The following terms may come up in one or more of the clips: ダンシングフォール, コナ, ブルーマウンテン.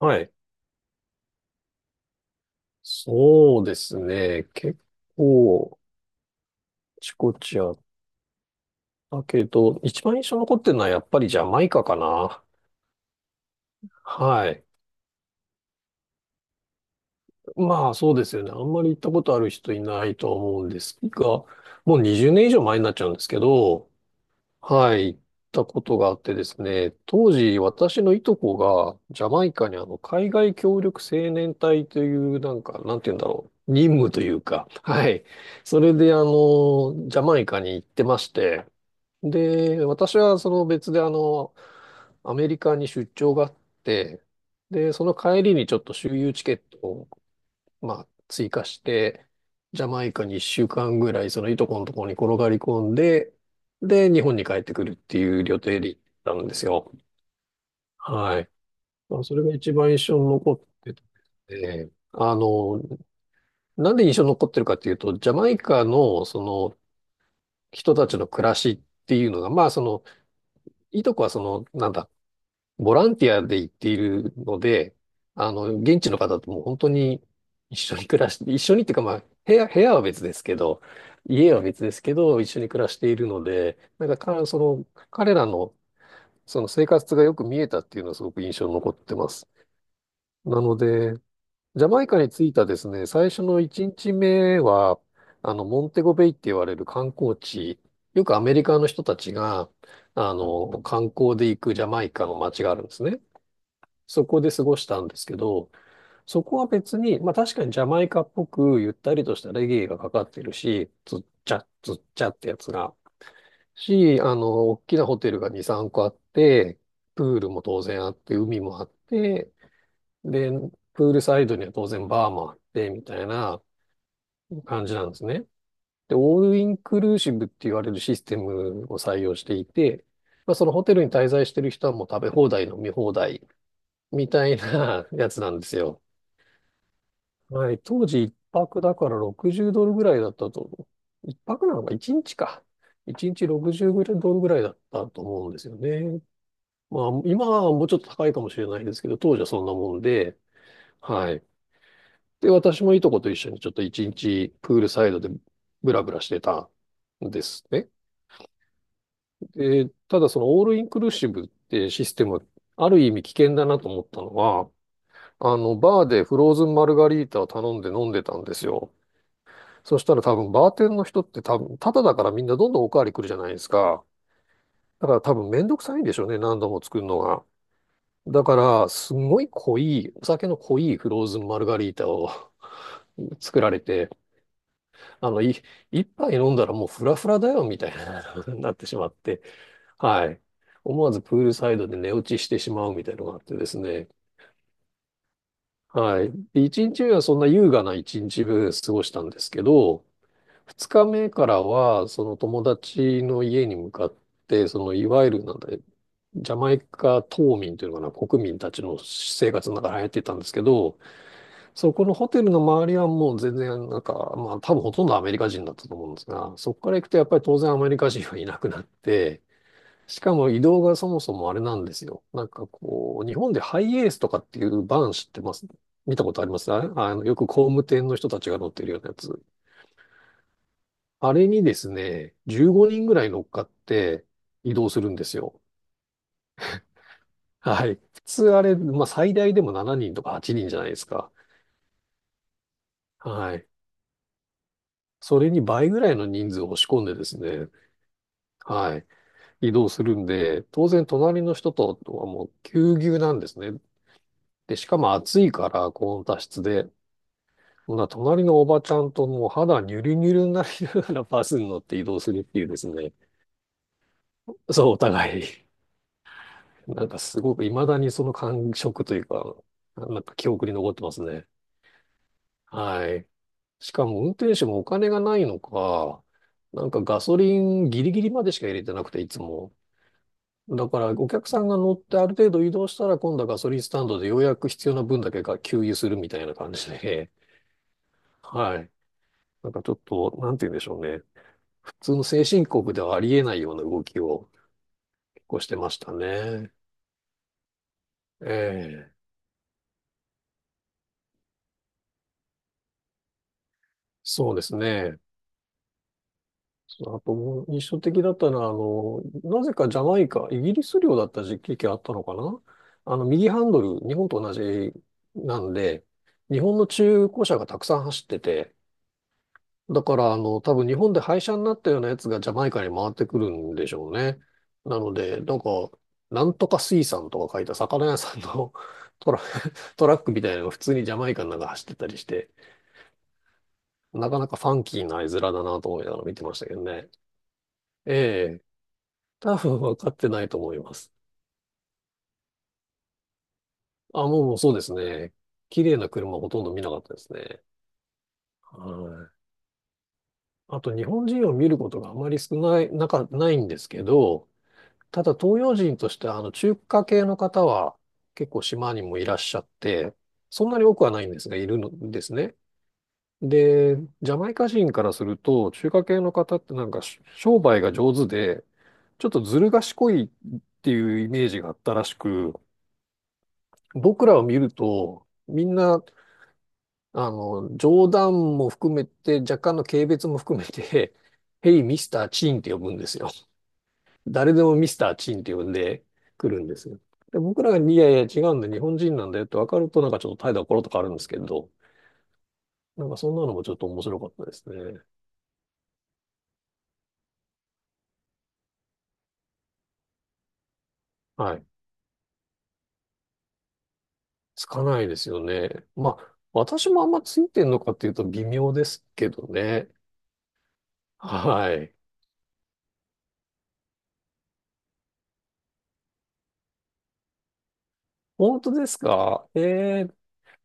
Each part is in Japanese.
はい。そうですね。結構、あちこちあったけど、一番印象残ってるのはやっぱりジャマイカかな。はい。まあそうですよね。あんまり行ったことある人いないと思うんですが、もう20年以上前になっちゃうんですけど、はい。行ったことがあってですね、当時私のいとこがジャマイカに海外協力青年隊というなんか、なんて言うんだろう。任務というか、はい。それでジャマイカに行ってまして、で、私はその別でアメリカに出張があって、で、その帰りにちょっと周遊チケットを、まあ、追加して、ジャマイカに1週間ぐらい、そのいとこのところに転がり込んで、で、日本に帰ってくるっていう予定で行ったんですよ。はい。まあ、それが一番印象に残ってて、なんで印象に残ってるかっていうと、ジャマイカのその人たちの暮らしっていうのが、まあその、いとこはその、なんだ、ボランティアで行っているので、現地の方ともう本当に一緒に暮らして、一緒にっていうかまあ、部屋は別ですけど、家は別ですけど、一緒に暮らしているので、なんかか、その、彼らの、その生活がよく見えたっていうのはすごく印象に残ってます。なので、ジャマイカに着いたですね、最初の1日目は、モンテゴベイって言われる観光地、よくアメリカの人たちが、観光で行くジャマイカの街があるんですね。そこで過ごしたんですけど、そこは別に、まあ確かにジャマイカっぽくゆったりとしたレゲエがかかってるし、つっちゃつっちゃってやつが、し、大きなホテルが2、3個あって、プールも当然あって、海もあって、で、プールサイドには当然バーもあって、みたいな感じなんですね。で、オールインクルーシブって言われるシステムを採用していて、まあ、そのホテルに滞在してる人はもう食べ放題、飲み放題みたいなやつなんですよ。はい、当時一泊だから60ドルぐらいだったと思う。一泊なのか、一日か。一日60ドルぐらいだったと思うんですよね。まあ、今はもうちょっと高いかもしれないですけど、当時はそんなもんで、はい。で、私もいとこと一緒にちょっと一日プールサイドでブラブラしてたんですね。で、ただそのオールインクルーシブってシステム、ある意味危険だなと思ったのは、バーでフローズンマルガリータを頼んで飲んでたんですよ。そしたら多分バーテンの人って多分、タダだからみんなどんどんおかわり来るじゃないですか。だから多分めんどくさいんでしょうね、何度も作るのが。だから、すごい濃い、お酒の濃いフローズンマルガリータを 作られて、あの、い、一杯飲んだらもうフラフラだよ、みたいな になってしまって、はい。思わずプールサイドで寝落ちしてしまうみたいなのがあってですね。はい。で一日目はそんな優雅な一日過ごしたんですけど、二日目からは、その友達の家に向かって、そのいわゆるなんだ、ジャマイカ島民というのかな、国民たちの生活の中に入っていたんですけど、そこのホテルの周りはもう全然なんか、まあ多分ほとんどアメリカ人だったと思うんですが、そこから行くとやっぱり当然アメリカ人はいなくなって、しかも移動がそもそもあれなんですよ。なんかこう、日本でハイエースとかっていうバン知ってます？見たことあります？あ、よく工務店の人たちが乗ってるようなやつ。あれにですね、15人ぐらい乗っかって移動するんですよ。はい。普通あれ、まあ最大でも7人とか8人じゃないですか。はい。それに倍ぐらいの人数を押し込んでですね、はい。移動するんで、当然隣の人とはもうぎゅうぎゅうなんですね。で、しかも暑いから高温多湿で、ほな隣のおばちゃんともう肌ニュルニュルになりながらバスに乗って移動するっていうですね。そう、お互い。なんかすごく未だにその感触というか、なんか記憶に残ってますね。はい。しかも運転手もお金がないのか、なんかガソリンギリギリまでしか入れてなくて、いつも。だからお客さんが乗ってある程度移動したら今度はガソリンスタンドでようやく必要な分だけが給油するみたいな感じで、はい。なんかちょっと、なんて言うんでしょうね。普通の先進国ではありえないような動きを結構してましたね。ええ。そうですね。そうあともう印象的だったのは、なぜかジャマイカ、イギリス領だった時期があったのかな？右ハンドル、日本と同じなんで、日本の中古車がたくさん走ってて、だから、多分日本で廃車になったようなやつがジャマイカに回ってくるんでしょうね。なので、なんか、なんとか水産とか書いた魚屋さんの トラ、トラックみたいなのが普通にジャマイカの中走ってたりして、なかなかファンキーな絵面だなと思いながら見てましたけどね。ええ。多分分かってないと思います。あ、もうそうですね。綺麗な車ほとんど見なかったですね。はい。あと日本人を見ることがあまり少ない、なか、ないんですけど、ただ東洋人としてあの中華系の方は結構島にもいらっしゃって、そんなに多くはないんですが、いるんですね。で、ジャマイカ人からすると、中華系の方ってなんかし商売が上手で、ちょっとずる賢いっていうイメージがあったらしく、僕らを見ると、みんな、冗談も含めて、若干の軽蔑も含めて、ヘイ、ミスター・チンって呼ぶんですよ。誰でもミスター・チンって呼んでくるんですよ。で、僕らが、いやいや、違うんだ、日本人なんだよって分かると、なんかちょっと態度がコロッと変わるんですけど、なんかそんなのもちょっと面白かったですね。はい。つかないですよね。まあ、私もあんまついてんのかっていうと微妙ですけどね。はい。本当ですか？ええ。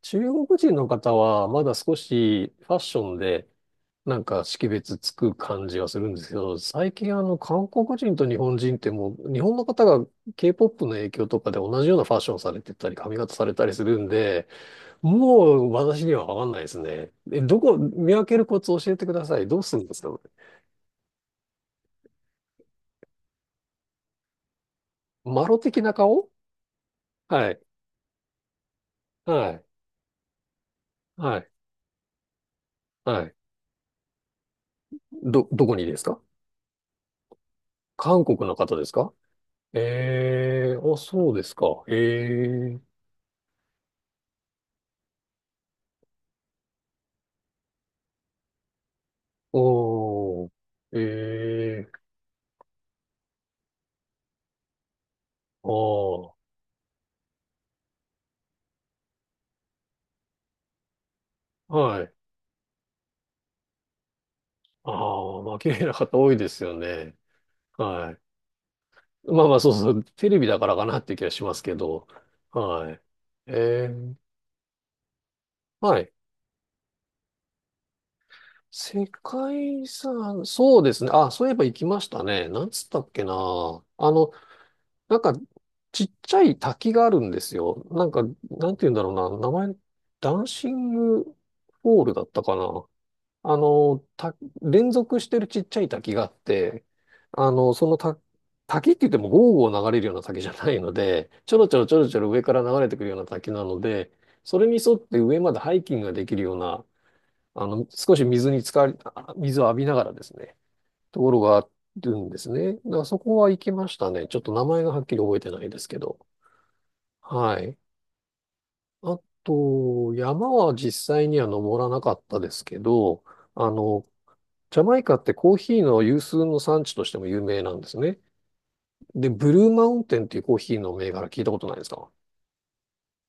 中国人の方は、まだ少しファッションで、なんか識別つく感じはするんですけど、最近韓国人と日本人ってもう、日本の方が K-POP の影響とかで同じようなファッションされてたり、髪型されたりするんで、もう私にはわかんないですね。え、どこ、見分けるコツ教えてください。どうするんですか？マロ的な顔？はい。はい。はい。はい。どこにですか？韓国の方ですか？ええー、あ、そうですか。ええ。おー、ええ。おー、はい。ああ、まあ、綺麗な方多いですよね。はい。まあまあ、そうそう、テレビだからかなっていう気がしますけど、はい。えー、はい。世界遺産、そうですね。あ、そういえば行きましたね。なんつったっけな。なんか、ちっちゃい滝があるんですよ。なんか、なんて言うんだろうな。名前、ダンシングフォールだったかな。あの、た、連続してるちっちゃい滝があって、あの、そのた、滝って言ってもゴーゴー流れるような滝じゃないので、ちょろちょろちょろちょろ上から流れてくるような滝なので、それに沿って上までハイキングができるような、あの、少し水に浸かり、あ水を浴びながらですね、ところがあるんですね。だからそこは行きましたね。ちょっと名前がはっきり覚えてないですけど。はい。あと、山は実際には登らなかったですけど、あの、ジャマイカってコーヒーの有数の産地としても有名なんですね。で、ブルーマウンテンっていうコーヒーの銘柄聞いたことないですか？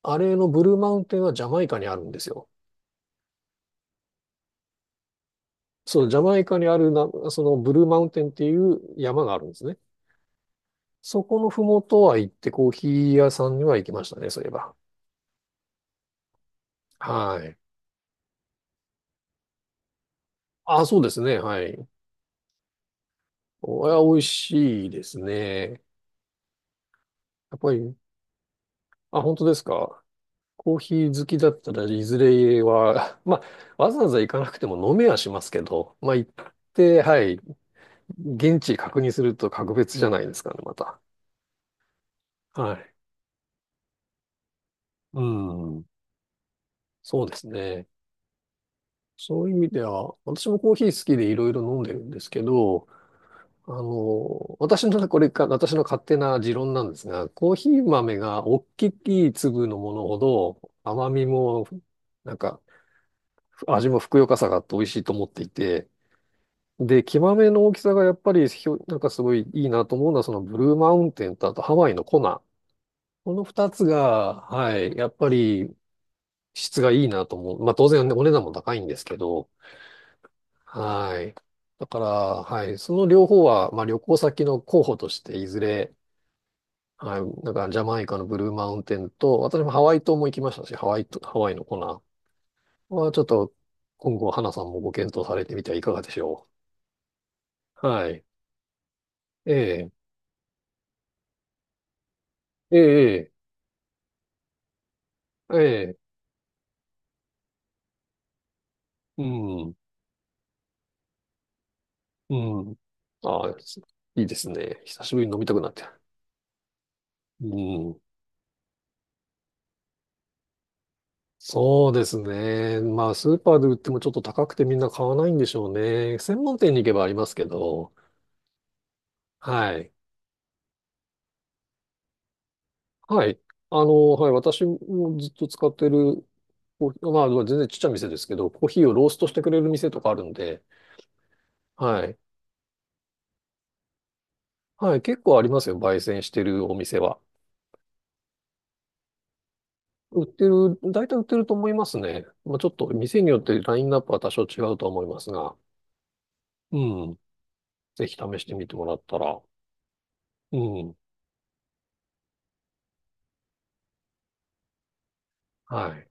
あれのブルーマウンテンはジャマイカにあるんですよ。そう、ジャマイカにあるな、そのブルーマウンテンっていう山があるんですね。そこのふもとは行ってコーヒー屋さんには行きましたね、そういえば。はい。あ、そうですね、はい。お、いや美味しいですね。やっぱり、あ、本当ですか？コーヒー好きだったら、いずれは、まあ、わざわざ行かなくても飲めはしますけど、まあ、行って、はい、現地確認すると格別じゃないですかね、また。はい。うん。そうですね。そういう意味では、私もコーヒー好きでいろいろ飲んでるんですけど、あの、私の、これか、私の勝手な持論なんですが、コーヒー豆が大きい粒のものほど、甘みも、なんか、味もふくよかさがあって美味しいと思っていて、で、キマメの大きさがやっぱりなんかすごいいいなと思うのは、そのブルーマウンテンとあとハワイのコナ。この二つが、はい、やっぱり質がいいなと思う。まあ当然ねお値段も高いんですけど、はい。だから、はい、その両方は、まあ旅行先の候補として、いずれ、はい、なんからジャマイカのブルーマウンテンと、私もハワイ島も行きましたし、ハワイと、ハワイのコナはちょっと今後、花さんもご検討されてみてはいかがでしょう。はい。ええ、ええ、ええ。ええ。うん、うん、ああ、いいですね。久しぶりに飲みたくなって。うん。そうですね。まあ、スーパーで売ってもちょっと高くてみんな買わないんでしょうね。専門店に行けばありますけど。はい。はい。あの、はい。私もずっと使ってるコーヒー、まあ、全然ちっちゃい店ですけど、コーヒーをローストしてくれる店とかあるんで、はい。はい。結構ありますよ。焙煎してるお店は。売ってる、大体売ってると思いますね。まあ、ちょっと店によってラインナップは多少違うと思いますが。うん。ぜひ試してみてもらったら。うん。はい。